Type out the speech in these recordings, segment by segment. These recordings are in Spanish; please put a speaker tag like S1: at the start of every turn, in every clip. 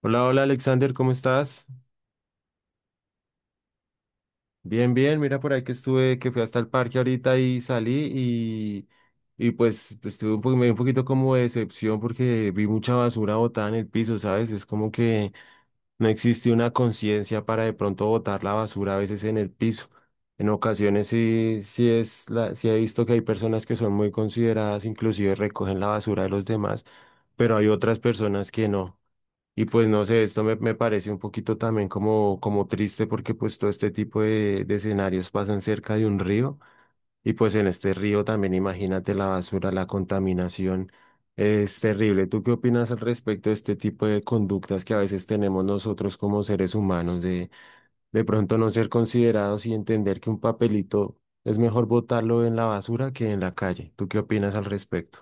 S1: Hola, hola Alexander, ¿cómo estás? Bien, bien, mira, por ahí que estuve, que fui hasta el parque ahorita y salí y pues tuve un me dio un poquito como de decepción porque vi mucha basura botada en el piso, ¿sabes? Es como que no existe una conciencia para de pronto botar la basura a veces en el piso. En ocasiones sí, sí es la, sí he visto que hay personas que son muy consideradas, inclusive recogen la basura de los demás, pero hay otras personas que no. Y pues no sé, esto me parece un poquito también como, como triste porque pues todo este tipo de escenarios pasan cerca de un río y pues en este río también imagínate la basura, la contaminación, es terrible. ¿Tú qué opinas al respecto de este tipo de conductas que a veces tenemos nosotros como seres humanos de pronto no ser considerados y entender que un papelito es mejor botarlo en la basura que en la calle? ¿Tú qué opinas al respecto?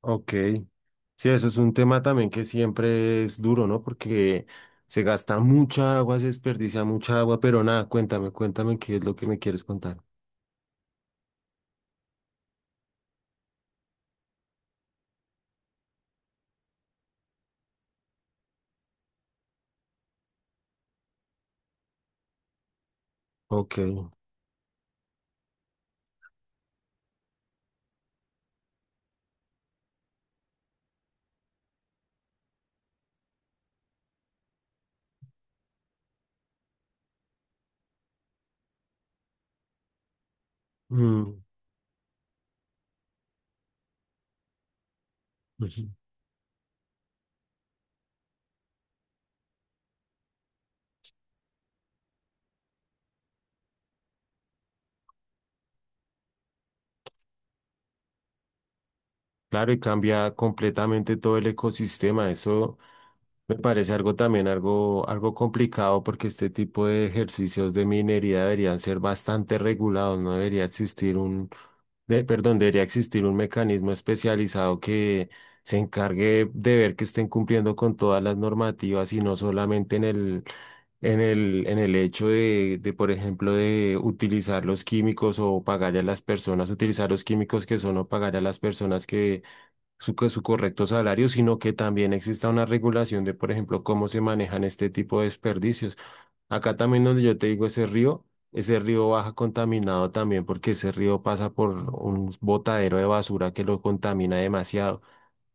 S1: Ok. Sí, eso es un tema también que siempre es duro, ¿no? Porque se gasta mucha agua, se desperdicia mucha agua, pero nada, cuéntame, cuéntame qué es lo que me quieres contar. Ok. Mm, ujú. Claro, y cambia completamente todo el ecosistema. Eso me parece algo también, algo, algo complicado, porque este tipo de ejercicios de minería deberían ser bastante regulados, no debería existir un perdón, debería existir un mecanismo especializado que se encargue de ver que estén cumpliendo con todas las normativas y no solamente en el, en el hecho de, por ejemplo, de utilizar los químicos o pagarle a las personas, utilizar los químicos que son o pagarle a las personas que su, su correcto salario, sino que también exista una regulación de, por ejemplo, cómo se manejan este tipo de desperdicios. Acá también donde yo te digo ese río baja contaminado también porque ese río pasa por un botadero de basura que lo contamina demasiado.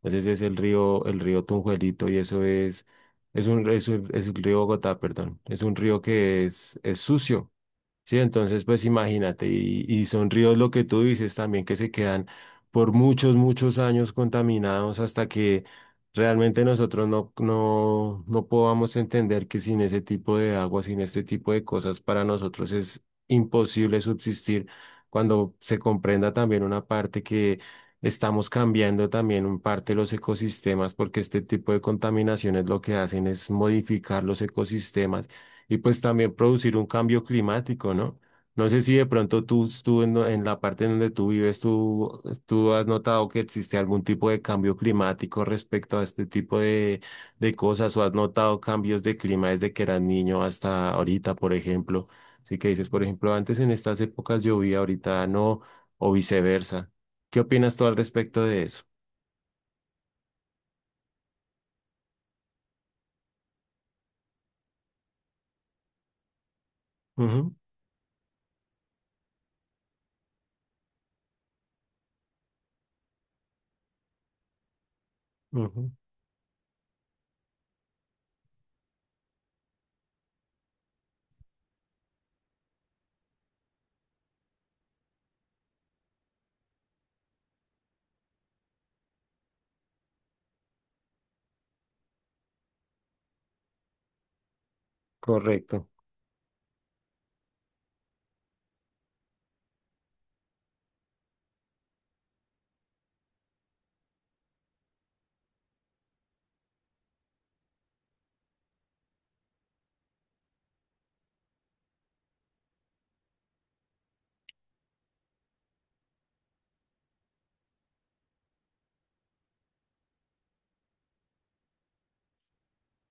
S1: Entonces es el río Tunjuelito y eso es un, es el río Bogotá, perdón. Es un río que es sucio. Sí, entonces pues imagínate, y son ríos lo que tú dices también que se quedan por muchos, muchos años contaminados hasta que realmente nosotros no podamos entender que sin ese tipo de agua, sin este tipo de cosas, para nosotros es imposible subsistir cuando se comprenda también una parte que estamos cambiando también un parte los ecosistemas, porque este tipo de contaminaciones lo que hacen es modificar los ecosistemas y pues también producir un cambio climático, ¿no? No sé si de pronto tú en la parte en donde tú vives, tú has notado que existe algún tipo de cambio climático respecto a este tipo de cosas o has notado cambios de clima desde que eras niño hasta ahorita, por ejemplo. Así que dices, por ejemplo, antes en estas épocas llovía, ahorita no, o viceversa. ¿Qué opinas tú al respecto de eso? Ujú. Ujú. Correcto.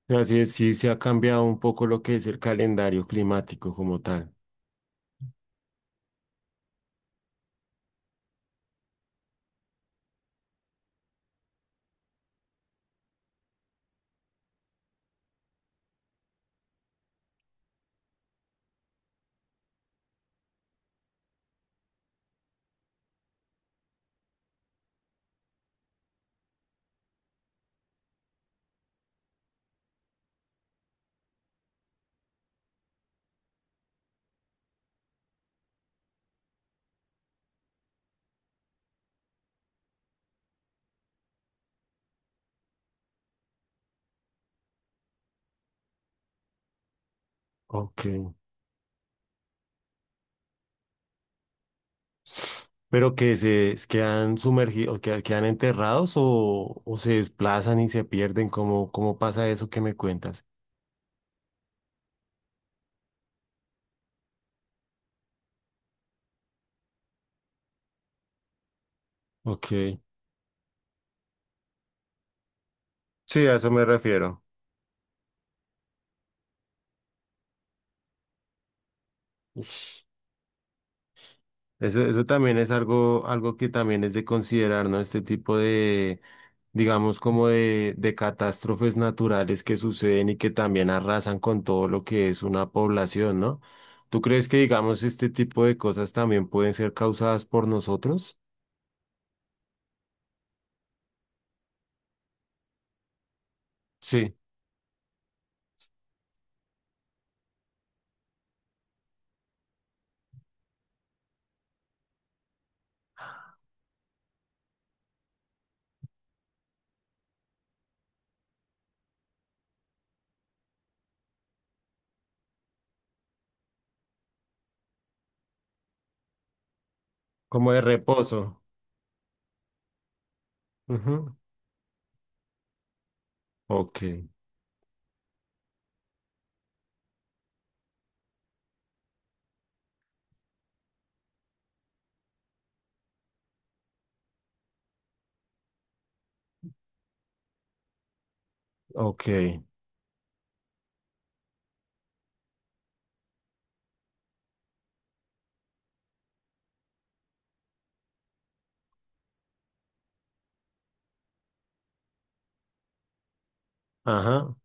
S1: Así es, sí se ha cambiado un poco lo que es el calendario climático como tal. Ok. Pero que se quedan sumergidos, que quedan enterrados o se desplazan y se pierden, ¿cómo, cómo pasa eso que me cuentas? Ok. Sí, a eso me refiero. Ish. Eso también es algo, algo que también es de considerar, ¿no? Este tipo de, digamos, como de catástrofes naturales que suceden y que también arrasan con todo lo que es una población, ¿no? ¿Tú crees que, digamos, este tipo de cosas también pueden ser causadas por nosotros? Sí. Como de reposo. Ujú. Ok, ok. Ajá.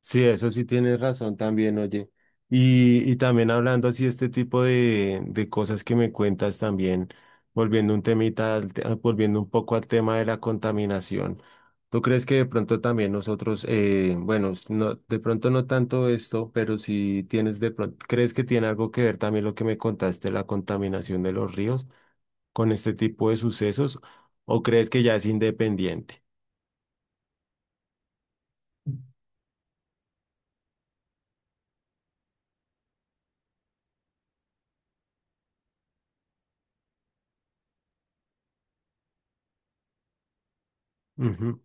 S1: Sí, eso sí tienes razón también, oye. Y también hablando así este tipo de cosas que me cuentas también, volviendo un temita, al ah, volviendo un poco al tema de la contaminación. ¿Tú crees que de pronto también nosotros, bueno, no, de pronto no tanto esto, pero si tienes de pronto, crees que tiene algo que ver también lo que me contaste, la contaminación de los ríos con este tipo de sucesos o crees que ya es independiente? Ujú.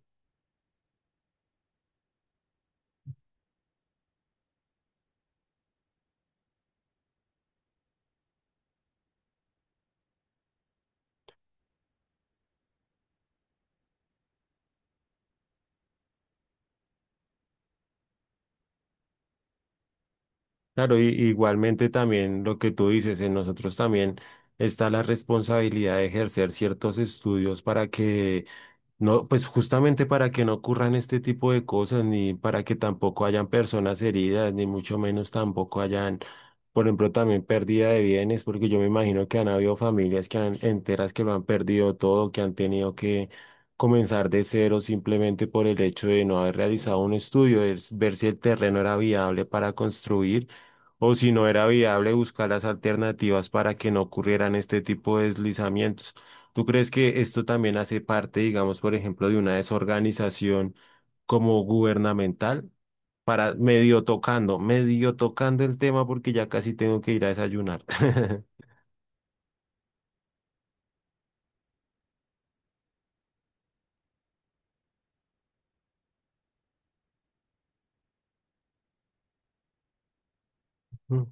S1: Claro, y, igualmente también lo que tú dices, en nosotros también está la responsabilidad de ejercer ciertos estudios para que, no, pues justamente para que no ocurran este tipo de cosas, ni para que tampoco hayan personas heridas, ni mucho menos tampoco hayan, por ejemplo, también pérdida de bienes, porque yo me imagino que han habido familias que han, enteras que lo han perdido todo, que han tenido que comenzar de cero simplemente por el hecho de no haber realizado un estudio, de ver si el terreno era viable para construir o si no era viable buscar las alternativas para que no ocurrieran este tipo de deslizamientos. ¿Tú crees que esto también hace parte, digamos, por ejemplo, de una desorganización como gubernamental? Para medio tocando el tema porque ya casi tengo que ir a desayunar. Mm,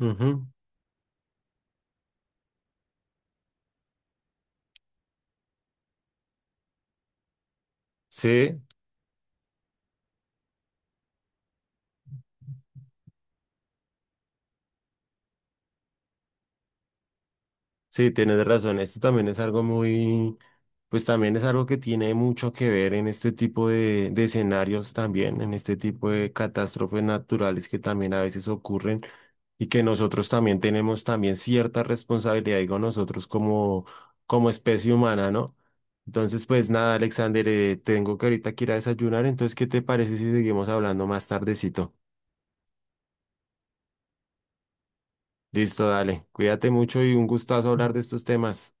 S1: ujú. Sí, sí, tienes razón. Esto también es algo muy, pues también es algo que tiene mucho que ver en este tipo de escenarios también, en este tipo de catástrofes naturales que también a veces ocurren y que nosotros también tenemos también cierta responsabilidad, digo nosotros como, como especie humana, ¿no? Entonces, pues nada, Alexander, tengo que ahorita que ir a desayunar, entonces, ¿qué te parece si seguimos hablando más tardecito? Listo, dale, cuídate mucho y un gustazo hablar de estos temas.